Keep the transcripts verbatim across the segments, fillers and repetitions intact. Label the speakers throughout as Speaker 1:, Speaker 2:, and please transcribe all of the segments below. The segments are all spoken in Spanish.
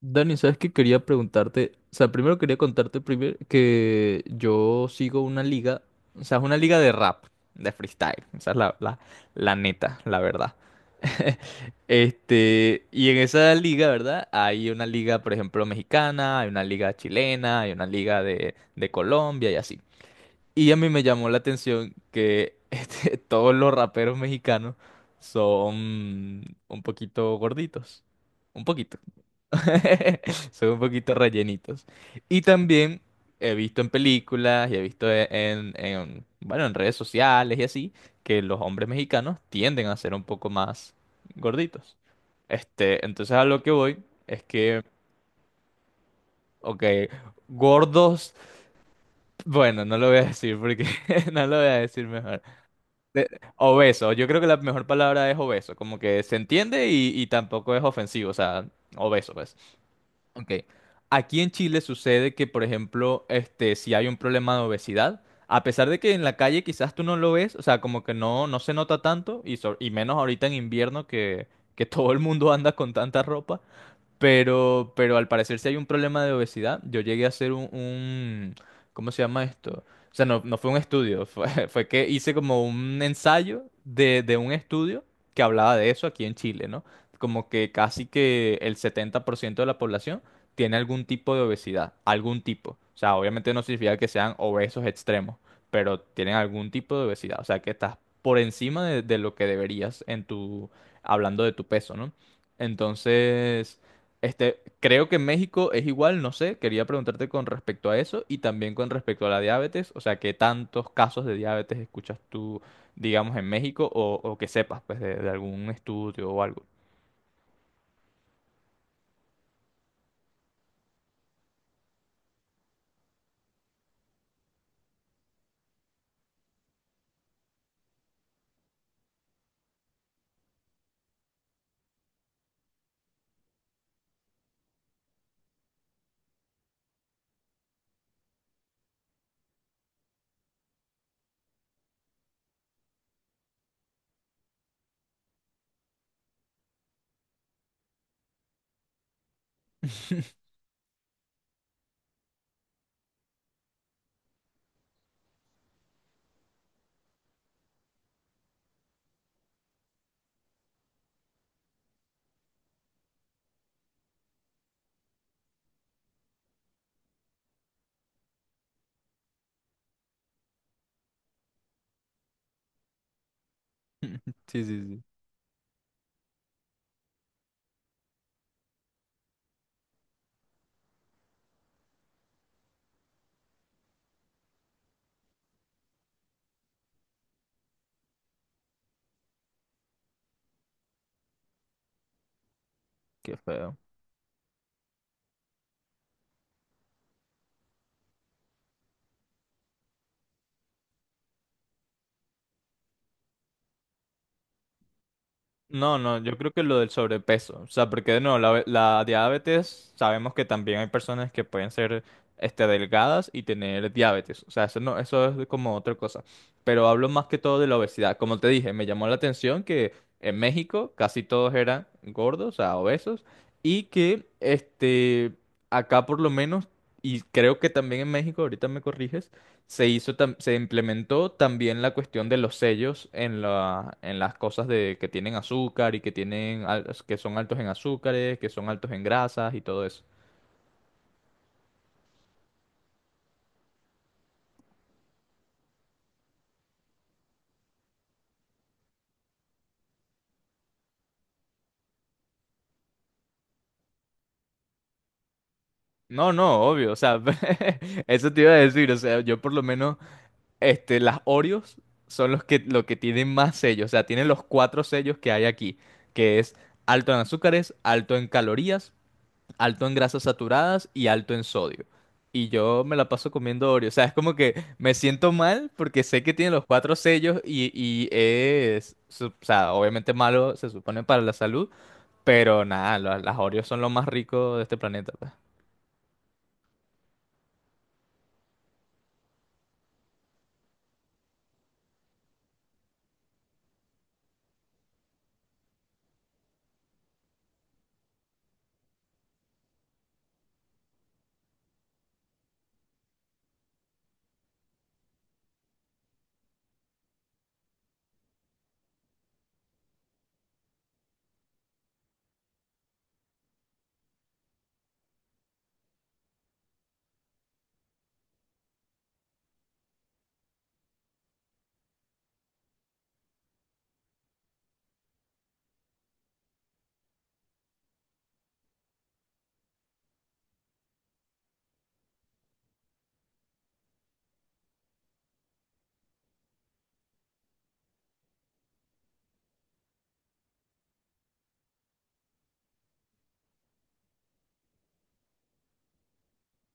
Speaker 1: Dani, ¿sabes qué quería preguntarte? O sea, primero quería contarte primero que yo sigo una liga, o sea, es una liga de rap, de freestyle, esa es la, la, la neta, la verdad. Este, y en esa liga, ¿verdad? Hay una liga, por ejemplo, mexicana, hay una liga chilena, hay una liga de, de Colombia y así. Y a mí me llamó la atención que este, todos los raperos mexicanos son un poquito gorditos. Un poquito. Son un poquito rellenitos. Y también he visto en películas y he visto e- en, en, bueno, en redes sociales y así, que los hombres mexicanos tienden a ser un poco más gorditos. Este, entonces a lo que voy es que, ok, gordos, bueno, no lo voy a decir porque no lo voy a decir mejor. De- Obeso, yo creo que la mejor palabra es obeso, como que se entiende y, y tampoco es ofensivo, o sea, obeso, pues. Ok. Aquí en Chile sucede que, por ejemplo, este, si hay un problema de obesidad, a pesar de que en la calle quizás tú no lo ves, o sea, como que no, no se nota tanto, y, so- y menos ahorita en invierno que, que todo el mundo anda con tanta ropa, pero, pero al parecer si hay un problema de obesidad. Yo llegué a hacer un, un- ¿cómo se llama esto? O sea, no, no fue un estudio, fue, fue que hice como un ensayo de, de un estudio que hablaba de eso aquí en Chile, ¿no? Como que casi que el setenta por ciento de la población tiene algún tipo de obesidad, algún tipo. O sea, obviamente no significa que sean obesos extremos, pero tienen algún tipo de obesidad. O sea, que estás por encima de, de lo que deberías en tu, hablando de tu peso, ¿no? Entonces... Este, creo que en México es igual, no sé, quería preguntarte con respecto a eso y también con respecto a la diabetes, o sea, ¿qué tantos casos de diabetes escuchas tú, digamos, en México o, o que sepas, pues, de, de algún estudio o algo? Sí, sí, sí, qué feo. No, no, yo creo que lo del sobrepeso, o sea, porque de nuevo, la, la diabetes, sabemos que también hay personas que pueden ser este, delgadas y tener diabetes, o sea, eso no, eso es como otra cosa, pero hablo más que todo de la obesidad, como te dije, me llamó la atención que en México casi todos eran gordos, o sea, obesos, y que este, acá por lo menos, y creo que también en México, ahorita me corriges, se hizo, tam- se implementó también la cuestión de los sellos en la, en las cosas de que tienen azúcar y que tienen, al- que son altos en azúcares, que son altos en grasas y todo eso. No, no, obvio, o sea, eso te iba a decir, o sea, yo por lo menos, este, las Oreos son los que, lo que tienen más sellos, o sea, tienen los cuatro sellos que hay aquí, que es alto en azúcares, alto en calorías, alto en grasas saturadas y alto en sodio. Y yo me la paso comiendo Oreo. O sea, es como que me siento mal porque sé que tiene los cuatro sellos y, y es, su- o sea, obviamente malo, se supone para la salud, pero nada, la- las Oreos son lo más rico de este planeta, pues.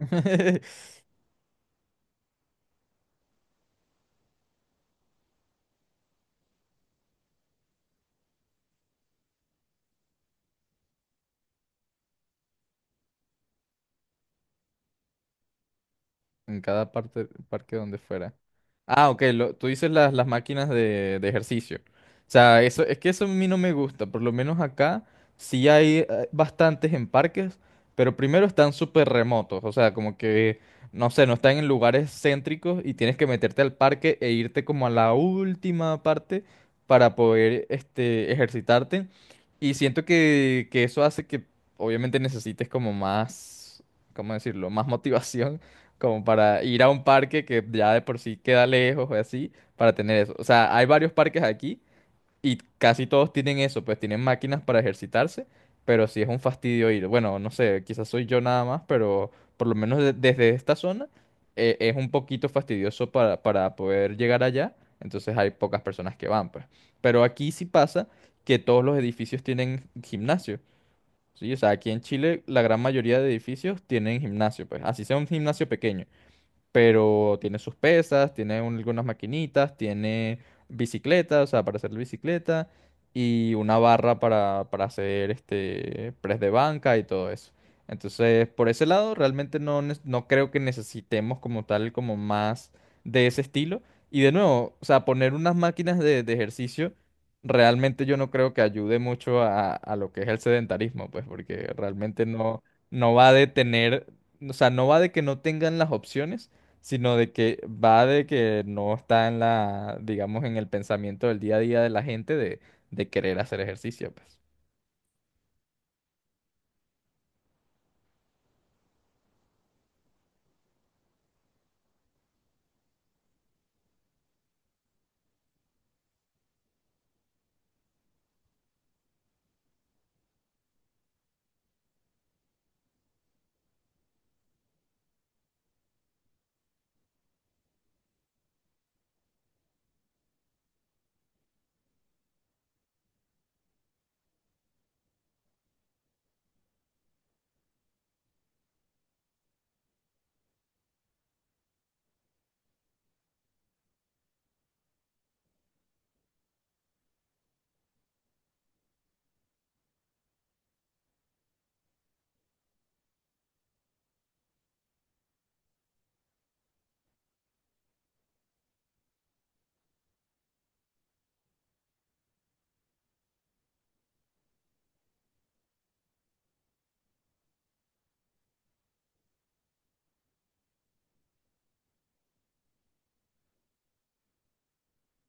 Speaker 1: En cada parte, parque donde fuera. Ah, ok, lo- tú dices las, las máquinas de, de ejercicio. O sea, eso, es que eso a mí no me gusta. Por lo menos acá sí hay eh, bastantes en parques, pero primero están súper remotos. O sea, como que, no sé, no están en lugares céntricos y tienes que meterte al parque e irte como a la última parte para poder este, ejercitarte. Y siento que, que eso hace que obviamente necesites como más, ¿cómo decirlo? Más motivación como para ir a un parque que ya de por sí queda lejos o así, para tener eso. O sea, hay varios parques aquí y casi todos tienen eso, pues tienen máquinas para ejercitarse, pero sí es un fastidio ir. Bueno, no sé, quizás soy yo nada más, pero por lo menos de- desde esta zona eh, es un poquito fastidioso para, para poder llegar allá, entonces hay pocas personas que van, pues. Pero aquí sí pasa que todos los edificios tienen gimnasio. Sí, o sea, aquí en Chile la gran mayoría de edificios tienen gimnasio, pues así sea un gimnasio pequeño pero tiene sus pesas, tiene un- algunas maquinitas, tiene bicicleta, o sea, para hacer la bicicleta, y una barra para, para hacer este press de banca y todo eso. Entonces, por ese lado, realmente no, nes- no creo que necesitemos como tal, como más de ese estilo. Y de nuevo, o sea, poner unas máquinas de, de ejercicio, realmente yo no creo que ayude mucho a, a lo que es el sedentarismo, pues, porque realmente no, no va a detener, o sea, no va de que no tengan las opciones, sino de que va de que no está en la, digamos, en el pensamiento del día a día de la gente de, de querer hacer ejercicio, pues.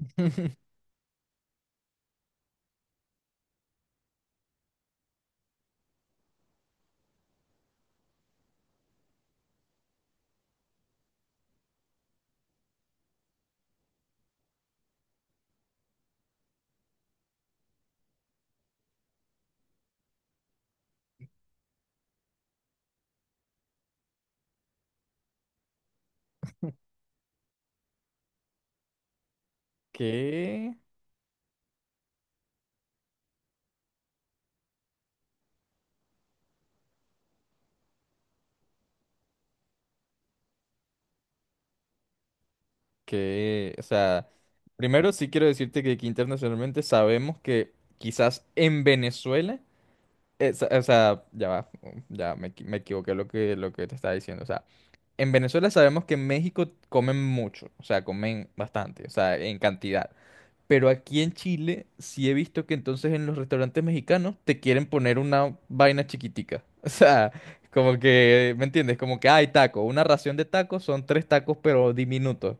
Speaker 1: qué qué o sea, primero sí quiero decirte que aquí internacionalmente sabemos que quizás en Venezuela, eh, sa- o sea, ya va, ya me, equi- me equivoqué lo que, lo que te estaba diciendo, o sea, en Venezuela sabemos que en México comen mucho, o sea, comen bastante, o sea, en cantidad. Pero aquí en Chile sí he visto que entonces en los restaurantes mexicanos te quieren poner una vaina chiquitica. O sea, como que, ¿me entiendes? Como que hay taco, una ración de tacos son tres tacos pero diminutos.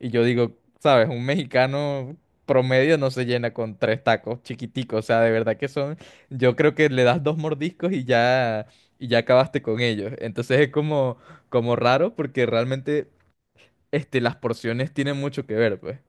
Speaker 1: Y yo digo, ¿sabes? Un mexicano promedio no se llena con tres tacos chiquiticos. O sea, de verdad que son, yo creo que le das dos mordiscos y ya, y ya acabaste con ellos. Entonces es como, como raro porque realmente, este, las porciones tienen mucho que ver, pues.